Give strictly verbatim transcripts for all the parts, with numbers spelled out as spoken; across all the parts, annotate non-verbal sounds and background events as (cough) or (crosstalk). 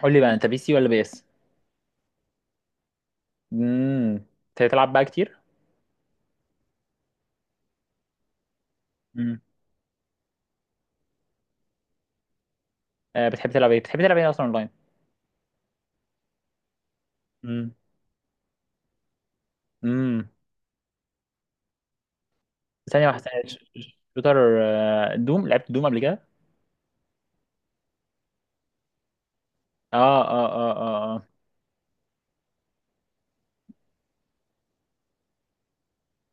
قول لي بقى، انت بي سي ولا بي اس؟ امم بتلعب بقى كتير؟ امم آه، بتحب تلعب ايه؟ بتحب تلعب ايه اصلا اونلاين؟ امم امم ثانيه واحده، ش- ش- شوتر. آه، دوم، لعبت دوم قبل كده؟ اه اه اه اه اه.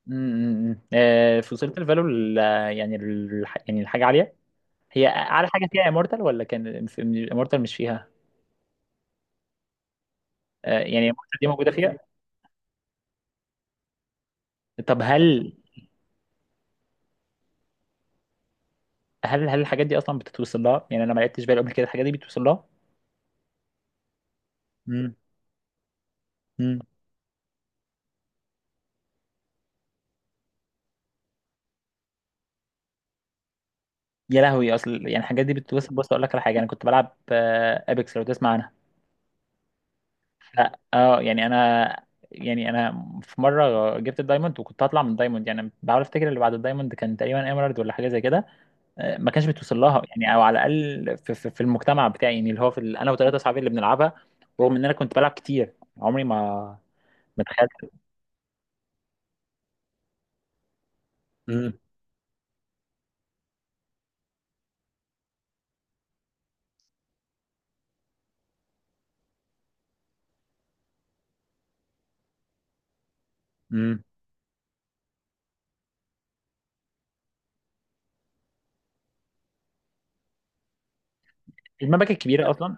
امم آه، في، وصلت الفالو ال- يعني الح... يعني الحاجه عاليه؟ هي اعلى حاجه فيها امورتال، ولا كان امورتال مش فيها؟ آه، يعني امورتال دي موجوده فيها. طب هل هل هل الحاجات دي اصلا بتتوصل لها؟ يعني انا ما لعبتش بالي قبل كده، الحاجات دي بتوصل لها؟ امم يا لهوي، اصل يعني الحاجات دي بتوصل. بص اقول لك على حاجه، انا كنت بلعب ابيكس، لو تسمع عنها. ف- اه، يعني انا يعني انا في مره جبت الدايموند، وكنت هطلع من الدايموند، يعني بحاول افتكر اللي بعد الدايموند كان تقريبا ايمرالد ولا حاجه زي كده. آه، ما كانش بتوصل لها يعني، او على الاقل في, في, في المجتمع بتاعي، يعني اللي هو في ال- انا وثلاثه اصحابي اللي بنلعبها، رغم ان انا كنت بلعب كتير، عمري ما ما تخيلت. امم امم المبكة الكبيرة أصلا.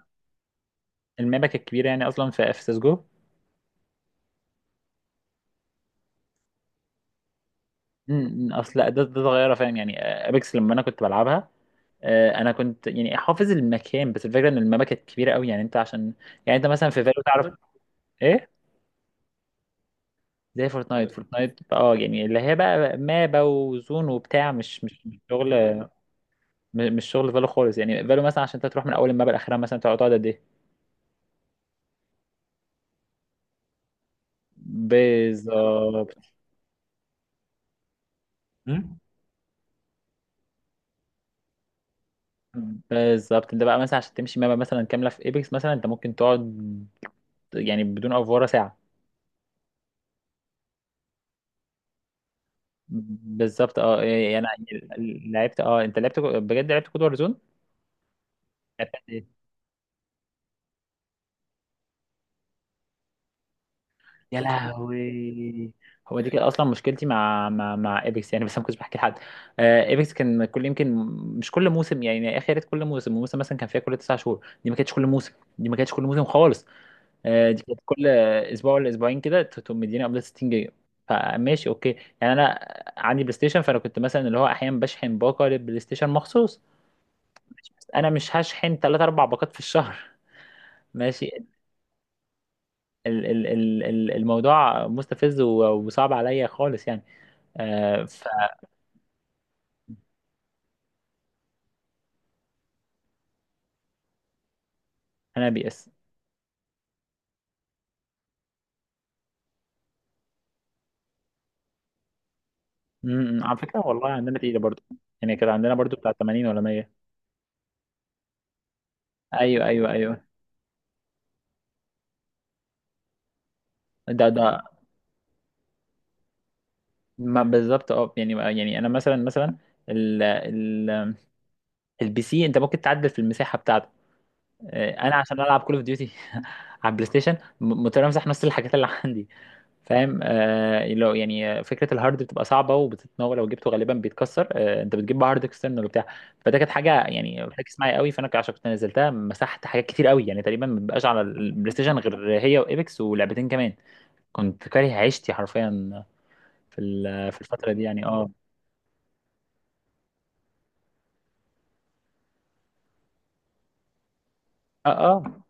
المبكة الكبيرة يعني أصلا في في سيسجو. امم أصل ده ده صغيرة، فاهم يعني؟ أبيكس لما أنا كنت بلعبها، آه، انا كنت يعني حافظ المكان، بس الفكره ان المابا كانت كبيره قوي، يعني انت عشان، يعني انت مثلا في فالو تعرف؟ ايه؟ زي فورتنايت، فورتنايت اه، يعني اللي هي بقى مابا وزون وبتاع، مش مش مش شغل، م- مش شغل فالو خالص. يعني فالو مثلا عشان انت تروح من اول المابا لاخرها، مثلا تقعد تقعد قد ايه؟ بالظبط. مم؟ بالظبط. انت بقى مثلا عشان تمشي مابا مثلا كامله في ايبكس، مثلا انت ممكن تقعد، يعني بدون افوره ساعه. بالظبط. اه يعني أنا لعبت، اه انت لعبت بجد، لعبت كود وارزون. يا لهوي! هو دي كده اصلا مشكلتي مع مع مع ايبكس يعني، بس انا ما كنتش بحكي لحد. آه، ايبكس كان كل يمكن، مش كل موسم، يعني اخر كل موسم، موسم مثلا كان فيها كل تسع شهور، دي ما كانتش كل موسم. دي ما كانتش كل موسم خالص. آه، دي كانت كل اسبوع ولا اسبوعين كده، ت- تقوم مديني قبل ستين جيجا. فماشي اوكي، يعني انا عندي بلاي ستيشن، فانا كنت مثلا اللي هو احيانا بشحن باقه للبلاي ستيشن مخصوص. انا مش هشحن ثلاثة اربعة باقات في الشهر، ماشي. ال ال ال ال- الموضوع مستفز، و- وصعب عليا خالص يعني. آه، فانا، بي اس. امم على فكره والله عندنا تقيله برضو، يعني كده عندنا برضو بتاع تمانين ولا مية. ايوه ايوه ايوه. ده ده ما بالظبط، اه يعني، يعني انا مثلا مثلا ال ال البي سي انت ممكن تعدل في المساحه بتاعته. آه، انا عشان العب كول اوف ديوتي (laughs) على البلاي ستيشن، م- مضطر امسح نص الحاجات اللي عندي، فاهم. آه، لو يعني فكره الهارد بتبقى صعبه وبتتناول، لو جبته غالبا بيتكسر، آه انت بتجيب بقى هارد اكسترنال وبتاع. فده كانت حاجه يعني ركز معايا قوي، فانا عشان كنت نزلتها مسحت حاجات كتير قوي، يعني تقريبا ما بقاش على البلاي ستيشن غير هي وايبكس ولعبتين كمان. كنت كاره عيشتي حرفيا في ال- في الفتره دي يعني. اه اه اه،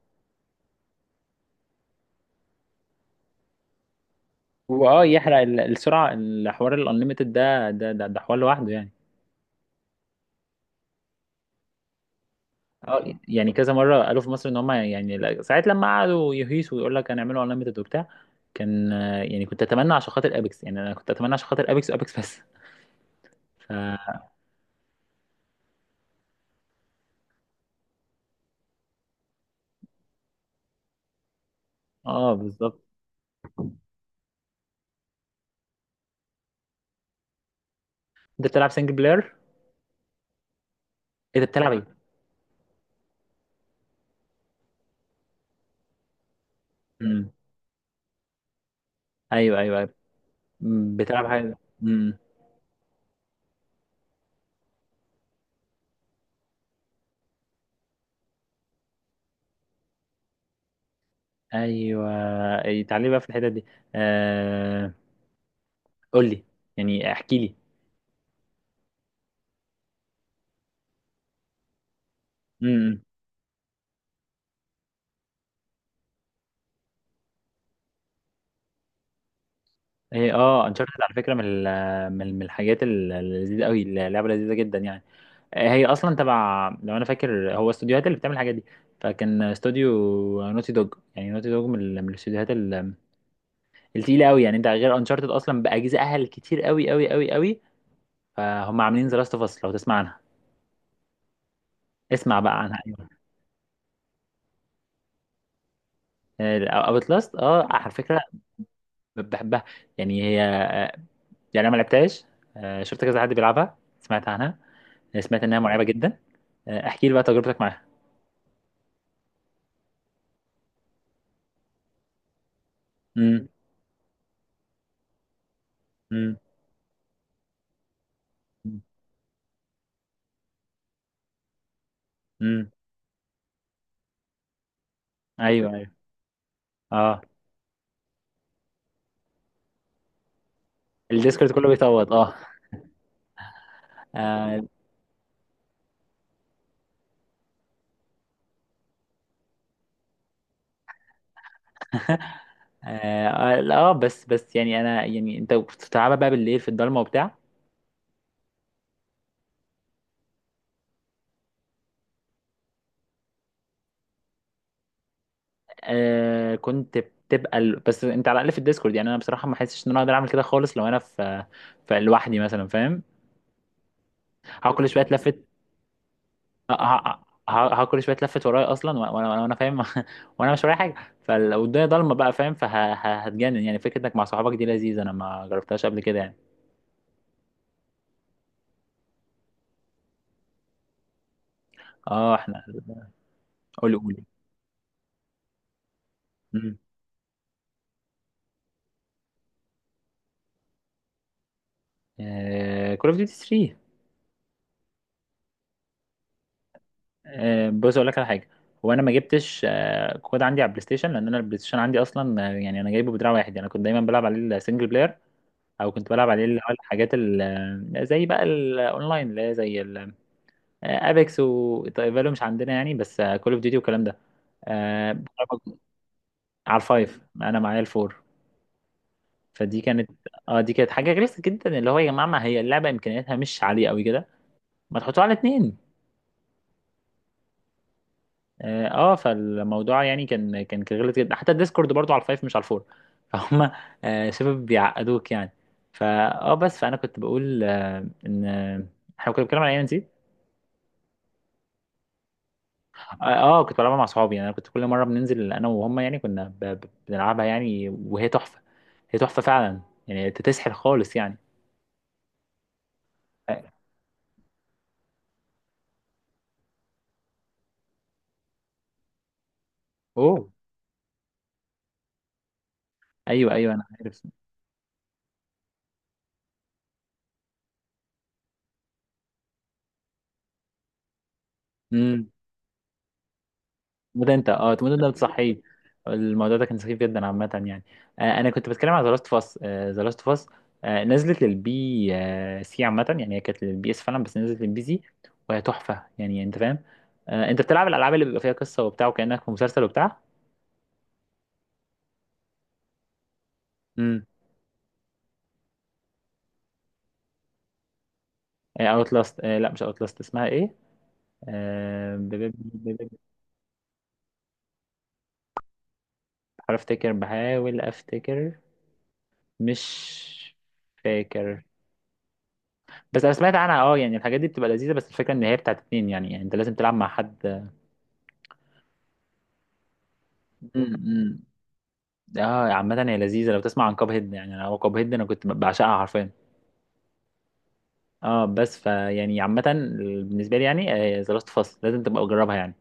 واه، يحرق ال- السرعه. الحوار الانليمتد ده ده ده ده حوار لوحده يعني. اه، يعني كذا مره قالوا في مصر ان هم يعني، لا- ساعات لما قعدوا يهيسوا ويقول لك هنعملوا انليمتد وبتاع. كان آه، يعني كنت اتمنى عشان خاطر ابيكس، يعني انا كنت اتمنى عشان خاطر ابيكس وابيكس بس. ف، اه بالظبط. انت بتلعب سنجل بلاير؟ ايه ده، بتلعب ايه؟ امم ايوه ايوه ايوه. أمم، بتلعب حاجه؟ امم ايوه. إيه، تعالي بقى في الحتت دي. آه، قول لي، يعني احكي لي. امم ايه، اه انشارتد على فكره، من ال- من من الحاجات اللذيذه قوي، اللعبه لذيذه جدا يعني. هي اصلا تبع، لو انا فاكر، هو استوديوهات اللي بتعمل الحاجات دي، فكان استوديو نوتي دوج، يعني نوتي دوج من ال- من الاستوديوهات ال- التقيله قوي يعني. انت غير انشارتد اصلا باجزائها الكتير قوي قوي قوي قوي، فهم عاملين ذا لاست اوف اس، لو تسمع عنها. اسمع بقى عنها، ايوه. اوت لاست، اه على فكره ب- بحبها، يعني هي آه، يعني انا ما لعبتهاش. آه، شفت كذا حد بيلعبها، سمعت عنها، سمعت انها مرعبه جدا. آه، احكي لي بقى تجربتك معاها. امم امم امم ايوه ايوه، اه. الديسكورد كله بيصوت، اه، آه. (laughs) آه, آه, آه، بس بس يعني أنا، يعني أنت بتلعبها بقى بالليل في الضلمة وبتاع؟ آه، كنت بتبقى ال... بس أنت على الأقل في الديسكورد، يعني أنا بصراحة ما حسيتش إن أنا أقدر أعمل كده خالص لو أنا في، في لوحدي مثلا، فاهم. هقعد كل شوية أتلفت. ه- ه- ه- هقعد كل شوية أتلفت ورايا أصلا، وأنا وأنا وأنا فاهم. (laughs) وأنا مش ورايا حاجة. فلو الدنيا ضلمة بقى فاهم، فهتجنن. يعني فكرة إنك مع صحابك دي لذيذة، أنا ما جربتهاش قبل كده يعني. أه إحنا، قولي قولي. كول اوف ديوتي ثري. آه، بص اقول لك على حاجه، هو انا ما جبتش آه، كود عندي على البلاي ستيشن، لان انا البلاي ستيشن عندي اصلا آه، يعني انا جايبه بدراع واحد، يعني انا كنت دايما بلعب عليه السنجل بلاير، او كنت بلعب عليه اللي هو الحاجات ال- آه، زي بقى الاونلاين اللي هي زي ابيكس وفالو، مش عندنا يعني، بس كول اوف ديوتي والكلام ده. آه، على الفايف انا معايا الفور. فدي كانت، اه دي كانت حاجه غلسه جدا، اللي هو يا جماعه، ما هي اللعبه امكانياتها مش عاليه قوي كده، ما تحطوها على اتنين. اه آه، فالموضوع يعني كان كان كان غلط جدا، حتى الديسكورد برضو على الفايف مش على الفور (laughs) فهم. آه، شبه بيعقدوك يعني. فا اه بس فانا كنت بقول آه، ان آه، احنا كنا بنتكلم على اي ام سي. اه آه، كنت بلعبها مع صحابي، يعني انا كنت كل مره بننزل انا وهم، يعني كنا ب- ب- بنلعبها يعني، وهي تحفه. هي تحفه فعلا، يعني تسحر خالص يعني. آه، اوه، ايوه ايوه انا عارف. إمم. تموت انت، اه تموت انت بتصحيه. الموضوع ده كان سخيف جدا عامة يعني. آه، انا كنت بتكلم على ذا لاست اوف اس. ذا لاست اوف اس نزلت للبي آه سي عامة، يعني هي كانت للبي اس فعلا، بس نزلت للبي سي، وهي تحفة يعني، انت فاهم. آه، انت بتلعب الالعاب اللي بيبقى فيها قصة وبتاع، وكأنك في مسلسل وبتاع. امم اوت لاست، لا مش اوت لاست، اسمها ايه؟ آه، ب- ب- ب- ب- بحاول افتكر، بحاول افتكر، مش فاكر. بس انا سمعت عنها، اه يعني الحاجات دي بتبقى لذيذه، بس الفكره ان هي بتاعت اتنين، يعني، يعني انت لازم تلعب مع حد. امم اه، عامة هي لذيذة. لو تسمع عن كاب هيد، يعني انا كاب هيد انا كنت بعشقها حرفيا. اه بس فيعني عامة بالنسبة لي يعني، ذا لاست اوف اس لازم تبقى تجربها يعني.